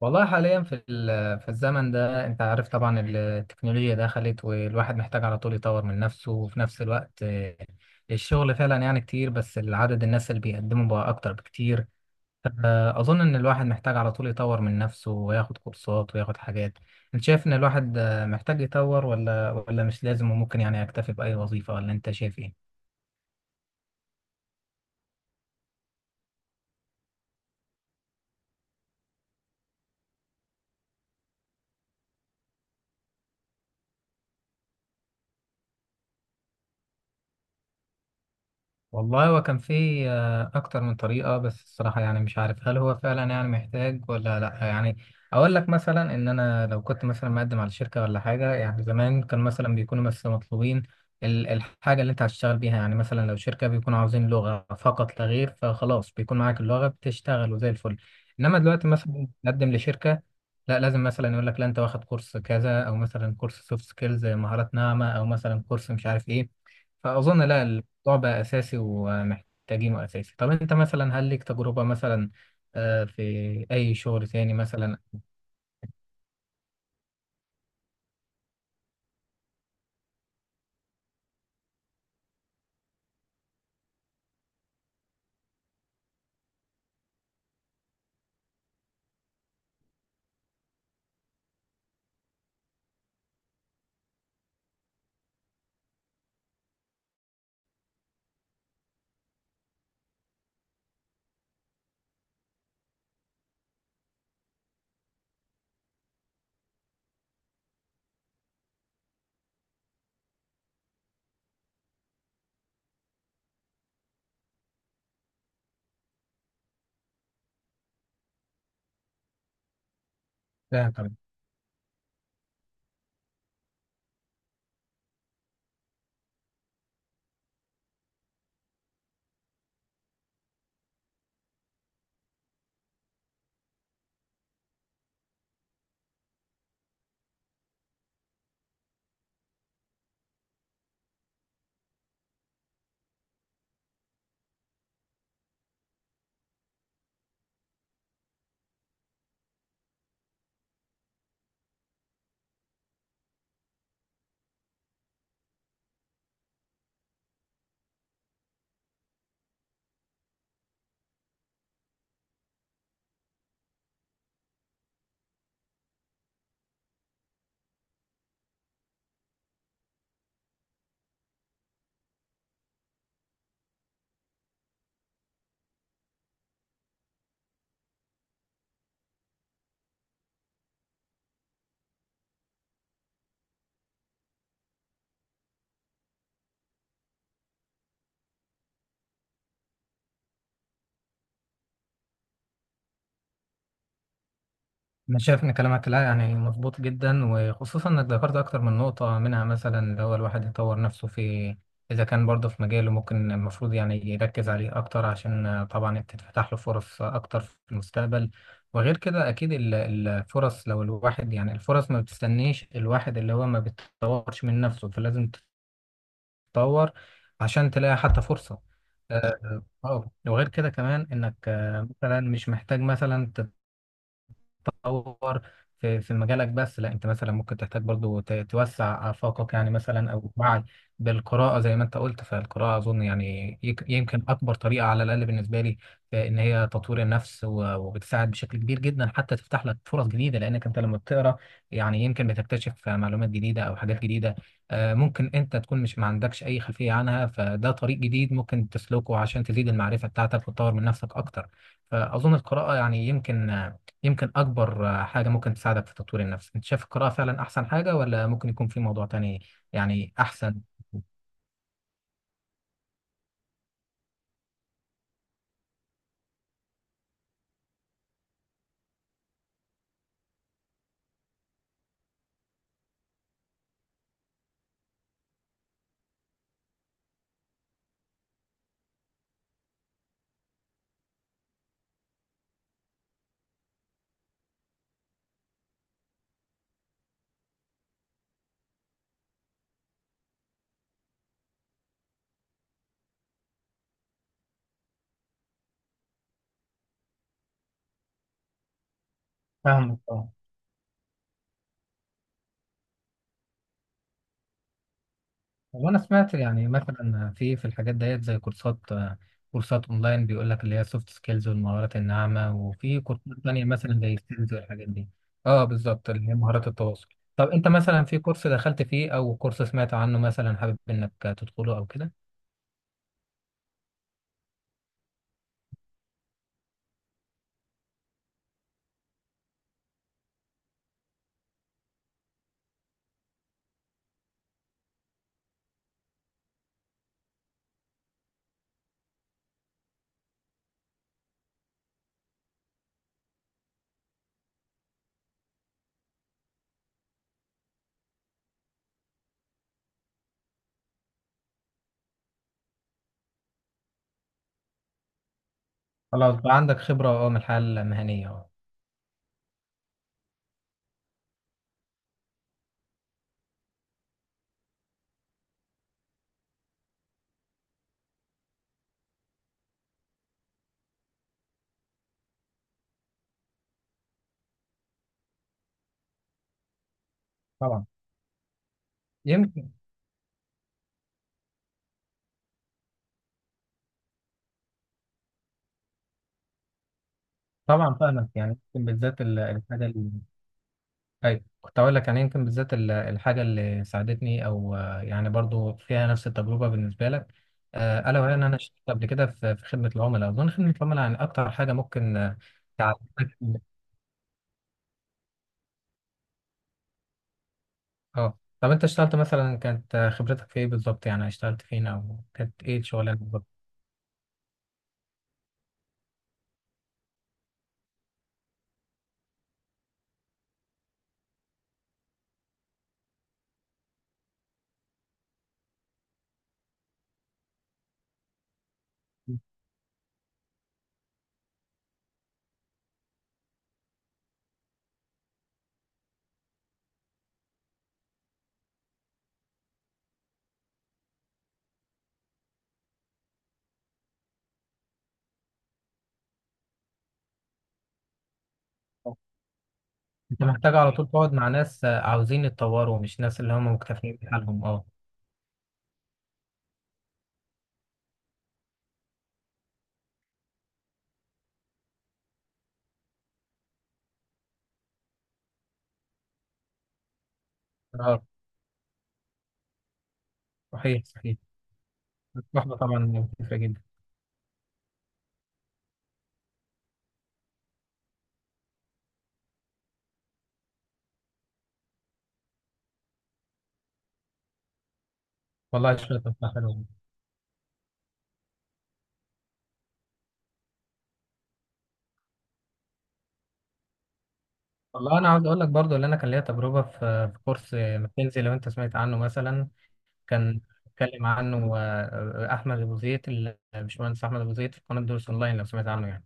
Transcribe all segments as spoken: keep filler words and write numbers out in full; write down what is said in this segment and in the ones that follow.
والله حاليا في ال- في الزمن ده انت عارف طبعا، التكنولوجيا دخلت والواحد محتاج على طول يطور من نفسه، وفي نفس الوقت آه، الشغل فعلا يعني كتير، بس العدد الناس اللي بيقدموا بقى اكتر بكتير. آه، اظن ان الواحد محتاج على طول يطور من نفسه وياخد كورسات وياخد حاجات. انت شايف ان الواحد آه، محتاج يطور ولا ولا مش لازم وممكن يعني يكتفي بأي وظيفة، ولا انت شايف ايه؟ والله هو كان فيه آه، أكتر من طريقة، بس الصراحة يعني مش عارف هل هو فعلا يعني محتاج ولا لأ. يعني أقول لك مثلا إن أنا لو كنت مثلا مقدم على شركة ولا حاجة، يعني زمان كان مثلا بيكونوا بس مطلوبين ال- الحاجة اللي أنت هتشتغل بيها. يعني مثلا لو شركة بيكونوا عاوزين لغة فقط لا غير، فخلاص بيكون معاك اللغة بتشتغل وزي الفل. إنما دلوقتي مثلا تقدم لشركة، لا لازم مثلا يقول لك لا أنت واخد كورس كذا، أو مثلا كورس سوفت سكيلز مهارات ناعمة، أو مثلا كورس مش عارف إيه. فأظن لا، الموضوع بقى أساسي ومحتاجينه أساسي. طب أنت مثلا هل ليك تجربة مثلا آه، في أي شغل تاني مثلا؟ لا طبعا. أنا شايف إن كلامك لا يعني مظبوط جدا، وخصوصا إنك ذكرت أكتر من نقطة، منها مثلا اللي هو الواحد يطور نفسه. في إذا كان برضه في مجاله ممكن المفروض يعني يركز عليه أكتر عشان آه، طبعا تتفتح له فرص أكتر في المستقبل. وغير كده أكيد ال- الفرص، لو الواحد يعني الفرص ما بتستنيش الواحد اللي هو ما بيتطورش من نفسه، فلازم تطور عشان تلاقي حتى فرصة. اه. آه. وغير كده كمان انك آه، مثلا مش محتاج مثلا تطور في في مجالك بس، لا انت مثلا ممكن تحتاج برضو ت- توسع آفاقك، يعني مثلا او وعي بالقراءة زي ما انت قلت. فالقراءة اظن يعني يك- يمكن اكبر طريقة على الاقل بالنسبة لي في ان هي تطوير النفس، و- وبتساعد بشكل كبير جدا حتى تفتح لك فرص جديدة، لانك انت لما بتقرا يعني يمكن بتكتشف معلومات جديدة او حاجات جديدة. آه، ممكن انت تكون مش ما عندكش اي خلفية عنها، فده طريق جديد ممكن تسلكه عشان تزيد المعرفة بتاعتك وتطور من نفسك اكتر. فاظن القراءة يعني يمكن يمكن أكبر آه، حاجة ممكن تساعدك في تطوير النفس. أنت شايف القراءة فعلا أحسن حاجة، ولا ممكن يكون في موضوع تاني يعني أحسن؟ فاهمك اه. وانا سمعت يعني مثلا في في الحاجات ديت زي كورسات، كورسات اونلاين بيقول لك اللي هي سوفت سكيلز والمهارات الناعمه، وفي كورسات تانية مثلا زي سكيلز والحاجات دي. اه بالظبط، اللي هي مهارات التواصل. طب انت مثلا في كورس دخلت فيه او كورس سمعت عنه مثلا حابب انك تدخله او كده؟ خلاص بقى عندك خبره اه، من الحياه المهنيه اه. طبعا يمكن. طبعا فاهمك يعني يمكن بالذات ال- الحاجه اللي، ايوه كنت اقول لك، يعني يمكن بالذات ال- الحاجه اللي ساعدتني، او آه، يعني برضو فيها نفس التجربه بالنسبه لك، آه، الا وهي ان انا اشتغلت قبل كده في في خدمه العملاء. اظن خدمه العملاء يعني اكتر حاجه ممكن آه، تعلمك. اه، طب انت اشتغلت مثلا كانت آه، خبرتك في ايه بالظبط؟ يعني اشتغلت فين او كانت ايه الشغلانه بالظبط؟ انت محتاج على طول تقعد مع ناس آه، عاوزين يتطوروا، مش ناس اللي هم مكتفيين بحالهم اه. اه صحيح صحيح. الصحبه طبعا مفيده جدا. والله شوية أفكار حلوة. والله أنا عاوز أقول لك برضو اللي أنا كان ليا تجربة في في كورس ماكنزي، لو أنت سمعت عنه مثلا. كان اتكلم عنه آه، آه، أحمد أبو زيد، ال- الباشمهندس أحمد أبو زيد في قناة دروس أونلاين، لو سمعت عنه يعني.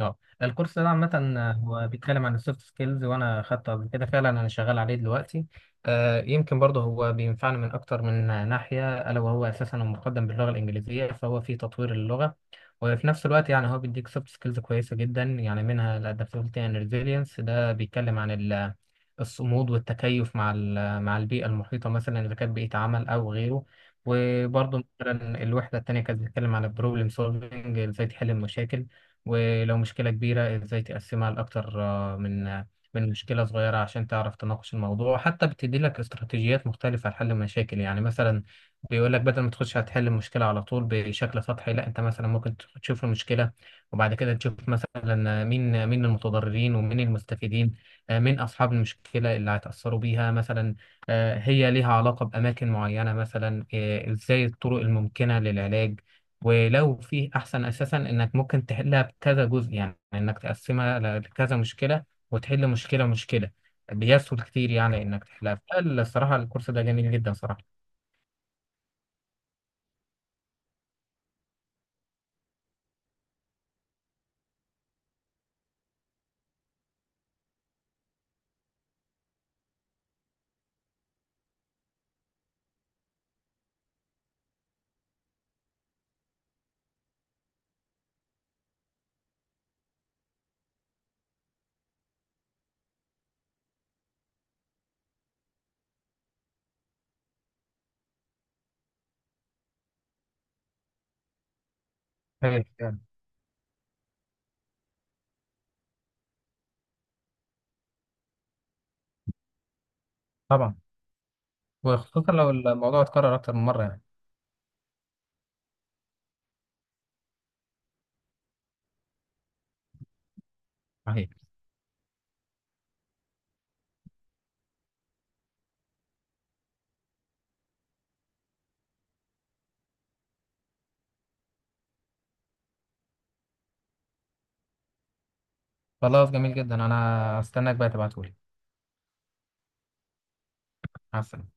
اه. الكورس ده عامة آه، هو بيتكلم عن السوفت سكيلز، وانا خدته قبل كده، فعلا انا شغال عليه دلوقتي. آه يمكن برضه هو بينفعني من اكتر من ناحية، الا وهو اساسا مقدم باللغة الانجليزية، فهو في تطوير اللغة، وفي نفس الوقت يعني هو بيديك سوفت سكيلز كويسة جدا. يعني منها الادابتability and resilience، ده بيتكلم عن ال- الصمود والتكيف مع ال- مع البيئة المحيطة، مثلا اذا كانت بيئة عمل او غيره. وبرضه مثلا الوحدة التانية كانت بتتكلم عن البروبلم سولفنج، ازاي تحل المشاكل، ولو مشكلة كبيرة ازاي تقسمها لأكتر آه، من من مشكلة صغيرة عشان تعرف تناقش الموضوع. حتى بتدي لك استراتيجيات مختلفة لحل المشاكل، يعني مثلا بيقول لك بدل ما تخش هتحل المشكلة على طول بشكل سطحي، لا انت مثلا ممكن تخ- تشوف المشكلة وبعد كده تشوف مثلا مين مين المتضررين ومين المستفيدين، آه، مين أصحاب المشكلة اللي هيتأثروا بيها مثلا، آه، هي ليها علاقة بأماكن معينة مثلا، آه، ازاي الطرق الممكنة للعلاج، ولو في احسن اساسا انك ممكن تحلها بكذا جزء، يعني انك تقسمها ل- لكذا مشكله وتحل مشكله مشكله، بيسهل كتير يعني انك تحلها. فالصراحه الكورس ده جميل جدا صراحه. حلو يعني. طبعا. وخصوصا لو الموضوع اتكرر اكتر من مره يعني. صحيح. خلاص جميل جدا، انا استناك بقى تبعتهولي. مع السلامه.